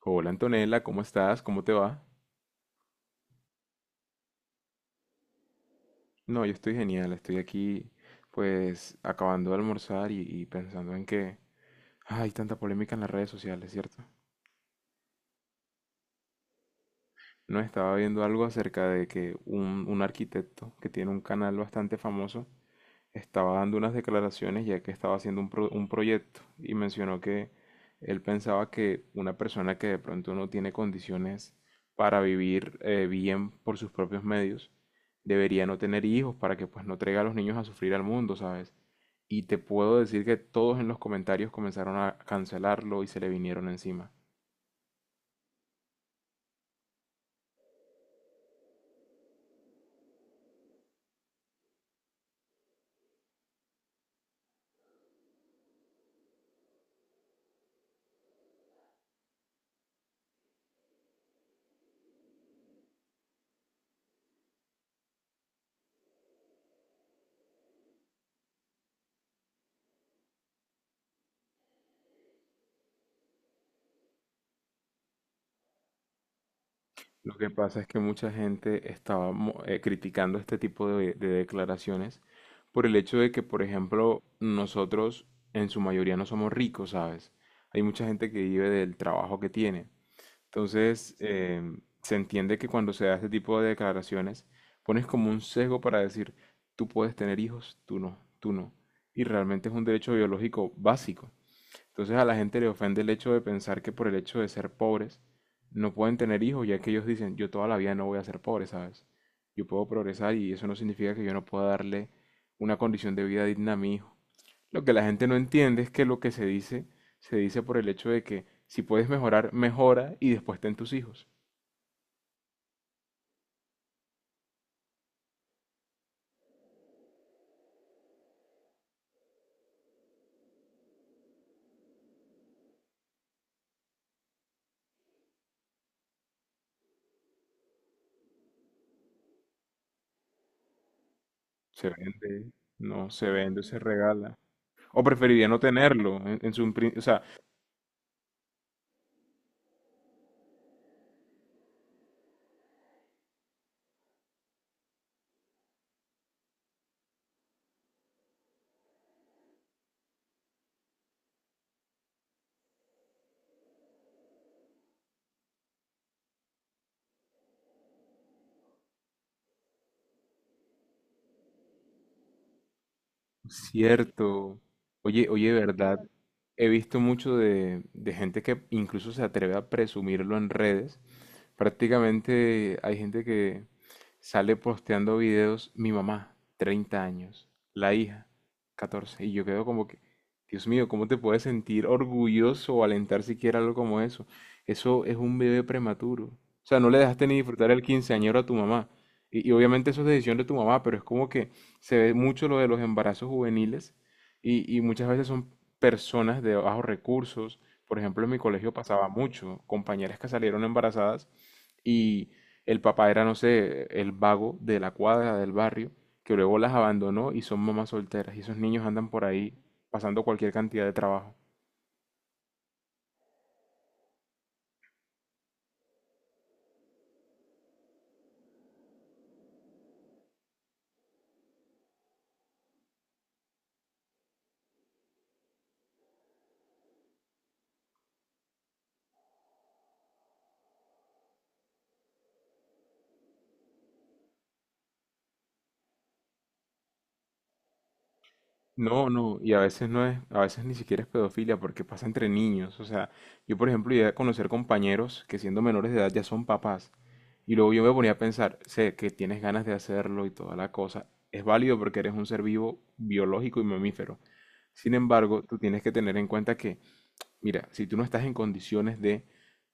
Hola Antonella, ¿cómo estás? ¿Cómo te va? No, yo estoy genial, estoy aquí pues acabando de almorzar y pensando en que hay tanta polémica en las redes sociales, ¿cierto? No, estaba viendo algo acerca de que un arquitecto que tiene un canal bastante famoso estaba dando unas declaraciones ya que estaba haciendo un proyecto y mencionó que él pensaba que una persona que de pronto no tiene condiciones para vivir bien por sus propios medios debería no tener hijos para que pues no traiga a los niños a sufrir al mundo, ¿sabes? Y te puedo decir que todos en los comentarios comenzaron a cancelarlo y se le vinieron encima. Lo que pasa es que mucha gente estaba criticando este tipo de declaraciones por el hecho de que, por ejemplo, nosotros en su mayoría no somos ricos, ¿sabes? Hay mucha gente que vive del trabajo que tiene. Entonces, se entiende que cuando se da este tipo de declaraciones, pones como un sesgo para decir, tú puedes tener hijos, tú no, tú no. Y realmente es un derecho biológico básico. Entonces a la gente le ofende el hecho de pensar que por el hecho de ser pobres no pueden tener hijos, ya que ellos dicen, yo toda la vida no voy a ser pobre, ¿sabes? Yo puedo progresar y eso no significa que yo no pueda darle una condición de vida digna a mi hijo. Lo que la gente no entiende es que lo que se dice por el hecho de que si puedes mejorar, mejora y después ten tus hijos. Se vende, no se vende, se regala. O preferiría no tenerlo. O sea, cierto. Oye, oye, ¿verdad? He visto mucho de gente que incluso se atreve a presumirlo en redes. Prácticamente hay gente que sale posteando videos, mi mamá, 30 años, la hija, 14, y yo quedo como que, Dios mío, ¿cómo te puedes sentir orgulloso o alentar siquiera algo como eso? Eso es un bebé prematuro. O sea, no le dejaste ni disfrutar el quinceañero a tu mamá. Y obviamente eso es decisión de tu mamá, pero es como que se ve mucho lo de los embarazos juveniles y muchas veces son personas de bajos recursos. Por ejemplo, en mi colegio pasaba mucho, compañeras que salieron embarazadas y el papá era, no sé, el vago de la cuadra, del barrio, que luego las abandonó y son mamás solteras. Y esos niños andan por ahí pasando cualquier cantidad de trabajo. No, no, y a veces no es, a veces ni siquiera es pedofilia porque pasa entre niños. O sea, yo por ejemplo llegué a conocer compañeros que siendo menores de edad ya son papás. Y luego yo me ponía a pensar, sé que tienes ganas de hacerlo y toda la cosa. Es válido porque eres un ser vivo biológico y mamífero. Sin embargo, tú tienes que tener en cuenta que mira, si tú no estás en condiciones de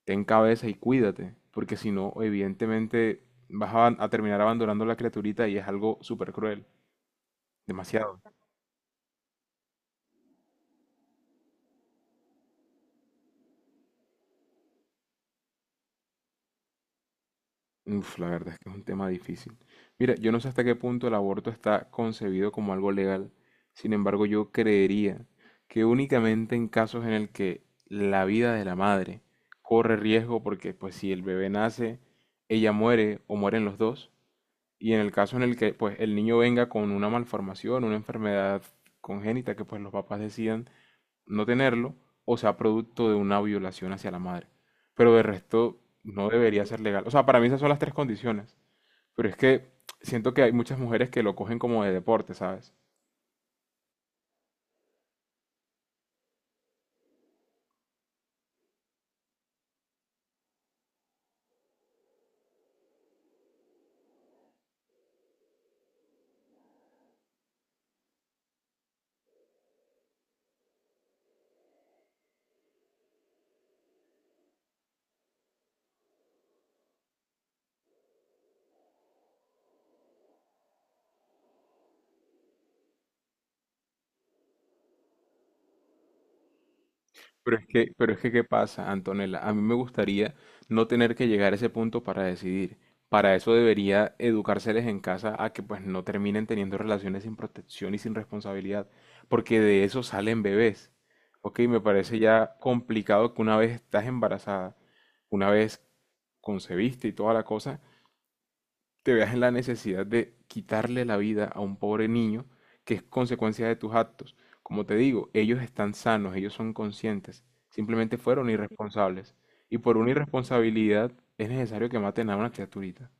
ten cabeza y cuídate, porque si no, evidentemente vas a terminar abandonando la criaturita y es algo súper cruel, demasiado. Uf, la verdad es que es un tema difícil. Mira, yo no sé hasta qué punto el aborto está concebido como algo legal, sin embargo, yo creería que únicamente en casos en el que la vida de la madre corre riesgo, porque pues si el bebé nace, ella muere o mueren los dos. Y en el caso en el que pues el niño venga con una malformación, una enfermedad congénita que pues los papás decidan no tenerlo, o sea producto de una violación hacia la madre. Pero de resto no debería ser legal. O sea, para mí esas son las tres condiciones. Pero es que siento que hay muchas mujeres que lo cogen como de deporte, ¿sabes? Pero es que, ¿qué pasa, Antonella? A mí me gustaría no tener que llegar a ese punto para decidir. Para eso debería educárseles en casa a que pues no terminen teniendo relaciones sin protección y sin responsabilidad, porque de eso salen bebés. Ok, me parece ya complicado que una vez estás embarazada, una vez concebiste y toda la cosa, te veas en la necesidad de quitarle la vida a un pobre niño que es consecuencia de tus actos. Como te digo, ellos están sanos, ellos son conscientes, simplemente fueron irresponsables. Y por una irresponsabilidad es necesario que maten a una criaturita.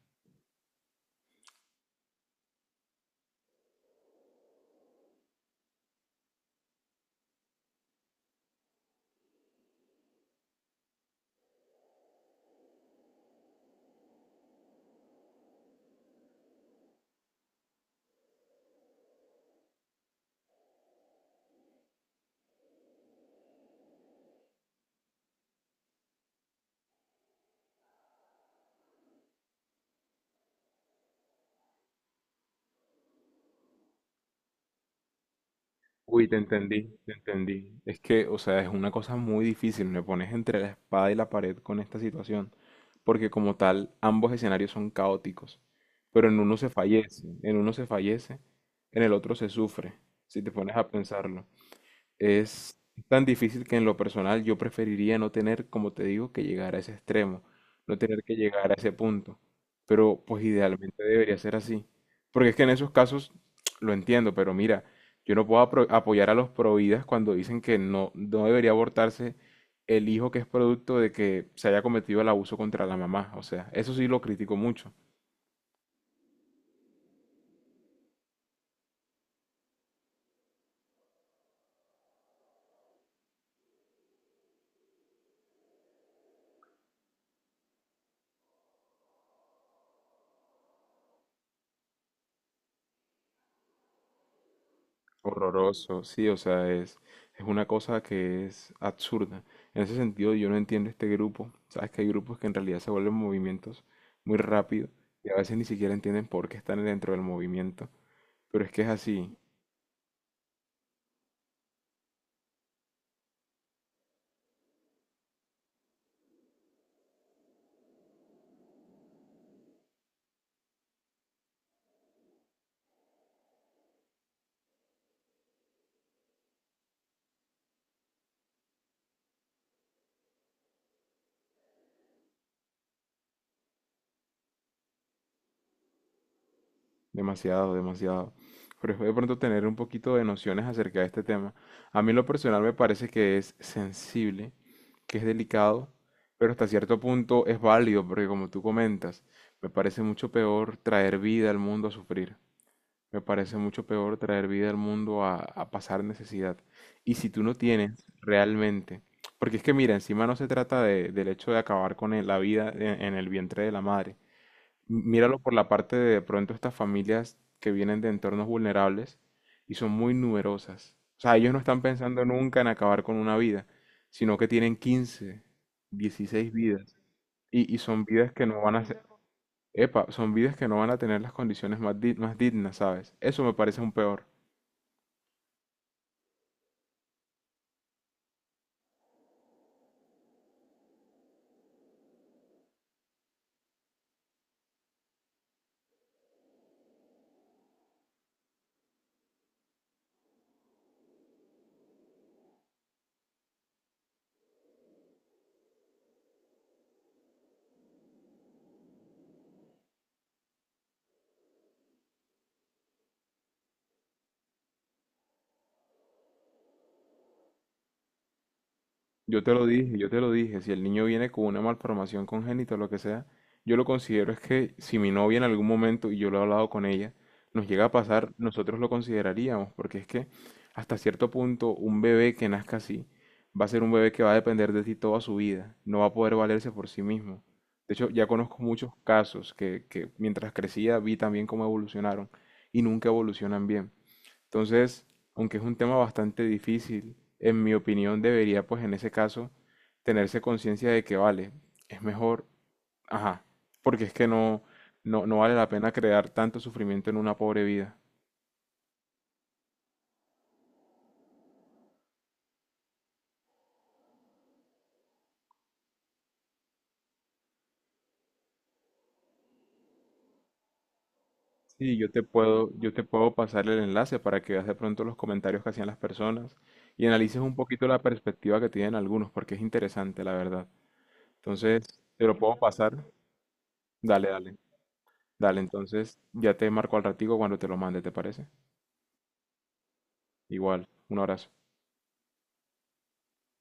Uy, te entendí, te entendí. Es que, o sea, es una cosa muy difícil, me pones entre la espada y la pared con esta situación, porque como tal, ambos escenarios son caóticos, pero en uno se fallece, en uno se fallece, en el otro se sufre, si te pones a pensarlo. Es tan difícil que en lo personal yo preferiría no tener, como te digo, que llegar a ese extremo, no tener que llegar a ese punto. Pero pues idealmente debería ser así. Porque es que en esos casos lo entiendo, pero mira, yo no puedo apoyar a los providas cuando dicen que no, no debería abortarse el hijo que es producto de que se haya cometido el abuso contra la mamá. O sea, eso sí lo critico mucho. Horroroso, sí, o sea, es una cosa que es absurda. En ese sentido, yo no entiendo este grupo. Sabes que hay grupos que en realidad se vuelven movimientos muy rápido y a veces ni siquiera entienden por qué están dentro del movimiento. Pero es que es así, demasiado, demasiado. Pero es de pronto tener un poquito de nociones acerca de este tema. A mí en lo personal me parece que es sensible, que es delicado, pero hasta cierto punto es válido, porque como tú comentas, me parece mucho peor traer vida al mundo a sufrir. Me parece mucho peor traer vida al mundo a pasar necesidad. Y si tú no tienes realmente, porque es que mira, encima no se trata del hecho de acabar con la vida en el vientre de la madre. Míralo por la parte de pronto estas familias que vienen de entornos vulnerables y son muy numerosas. O sea, ellos no están pensando nunca en acabar con una vida, sino que tienen 15, 16 vidas. Y son vidas que no van a ser, epa, son vidas que no van a tener las condiciones más, más dignas, ¿sabes? Eso me parece un peor. Yo te lo dije, yo te lo dije. Si el niño viene con una malformación congénita o lo que sea, yo lo considero es que si mi novia en algún momento, y yo lo he hablado con ella, nos llega a pasar, nosotros lo consideraríamos, porque es que hasta cierto punto un bebé que nazca así va a ser un bebé que va a depender de ti toda su vida, no va a poder valerse por sí mismo. De hecho, ya conozco muchos casos que mientras crecía vi también cómo evolucionaron y nunca evolucionan bien. Entonces, aunque es un tema bastante difícil, en mi opinión debería, pues en ese caso, tenerse conciencia de que vale, es mejor, ajá, porque es que no, no, no vale la pena crear tanto sufrimiento en una pobre vida. Sí, yo te puedo pasar el enlace para que veas de pronto los comentarios que hacían las personas y analices un poquito la perspectiva que tienen algunos, porque es interesante, la verdad. Entonces, te lo puedo pasar. Dale, dale. Dale, entonces ya te marco al ratico cuando te lo mande, ¿te parece? Igual, un abrazo.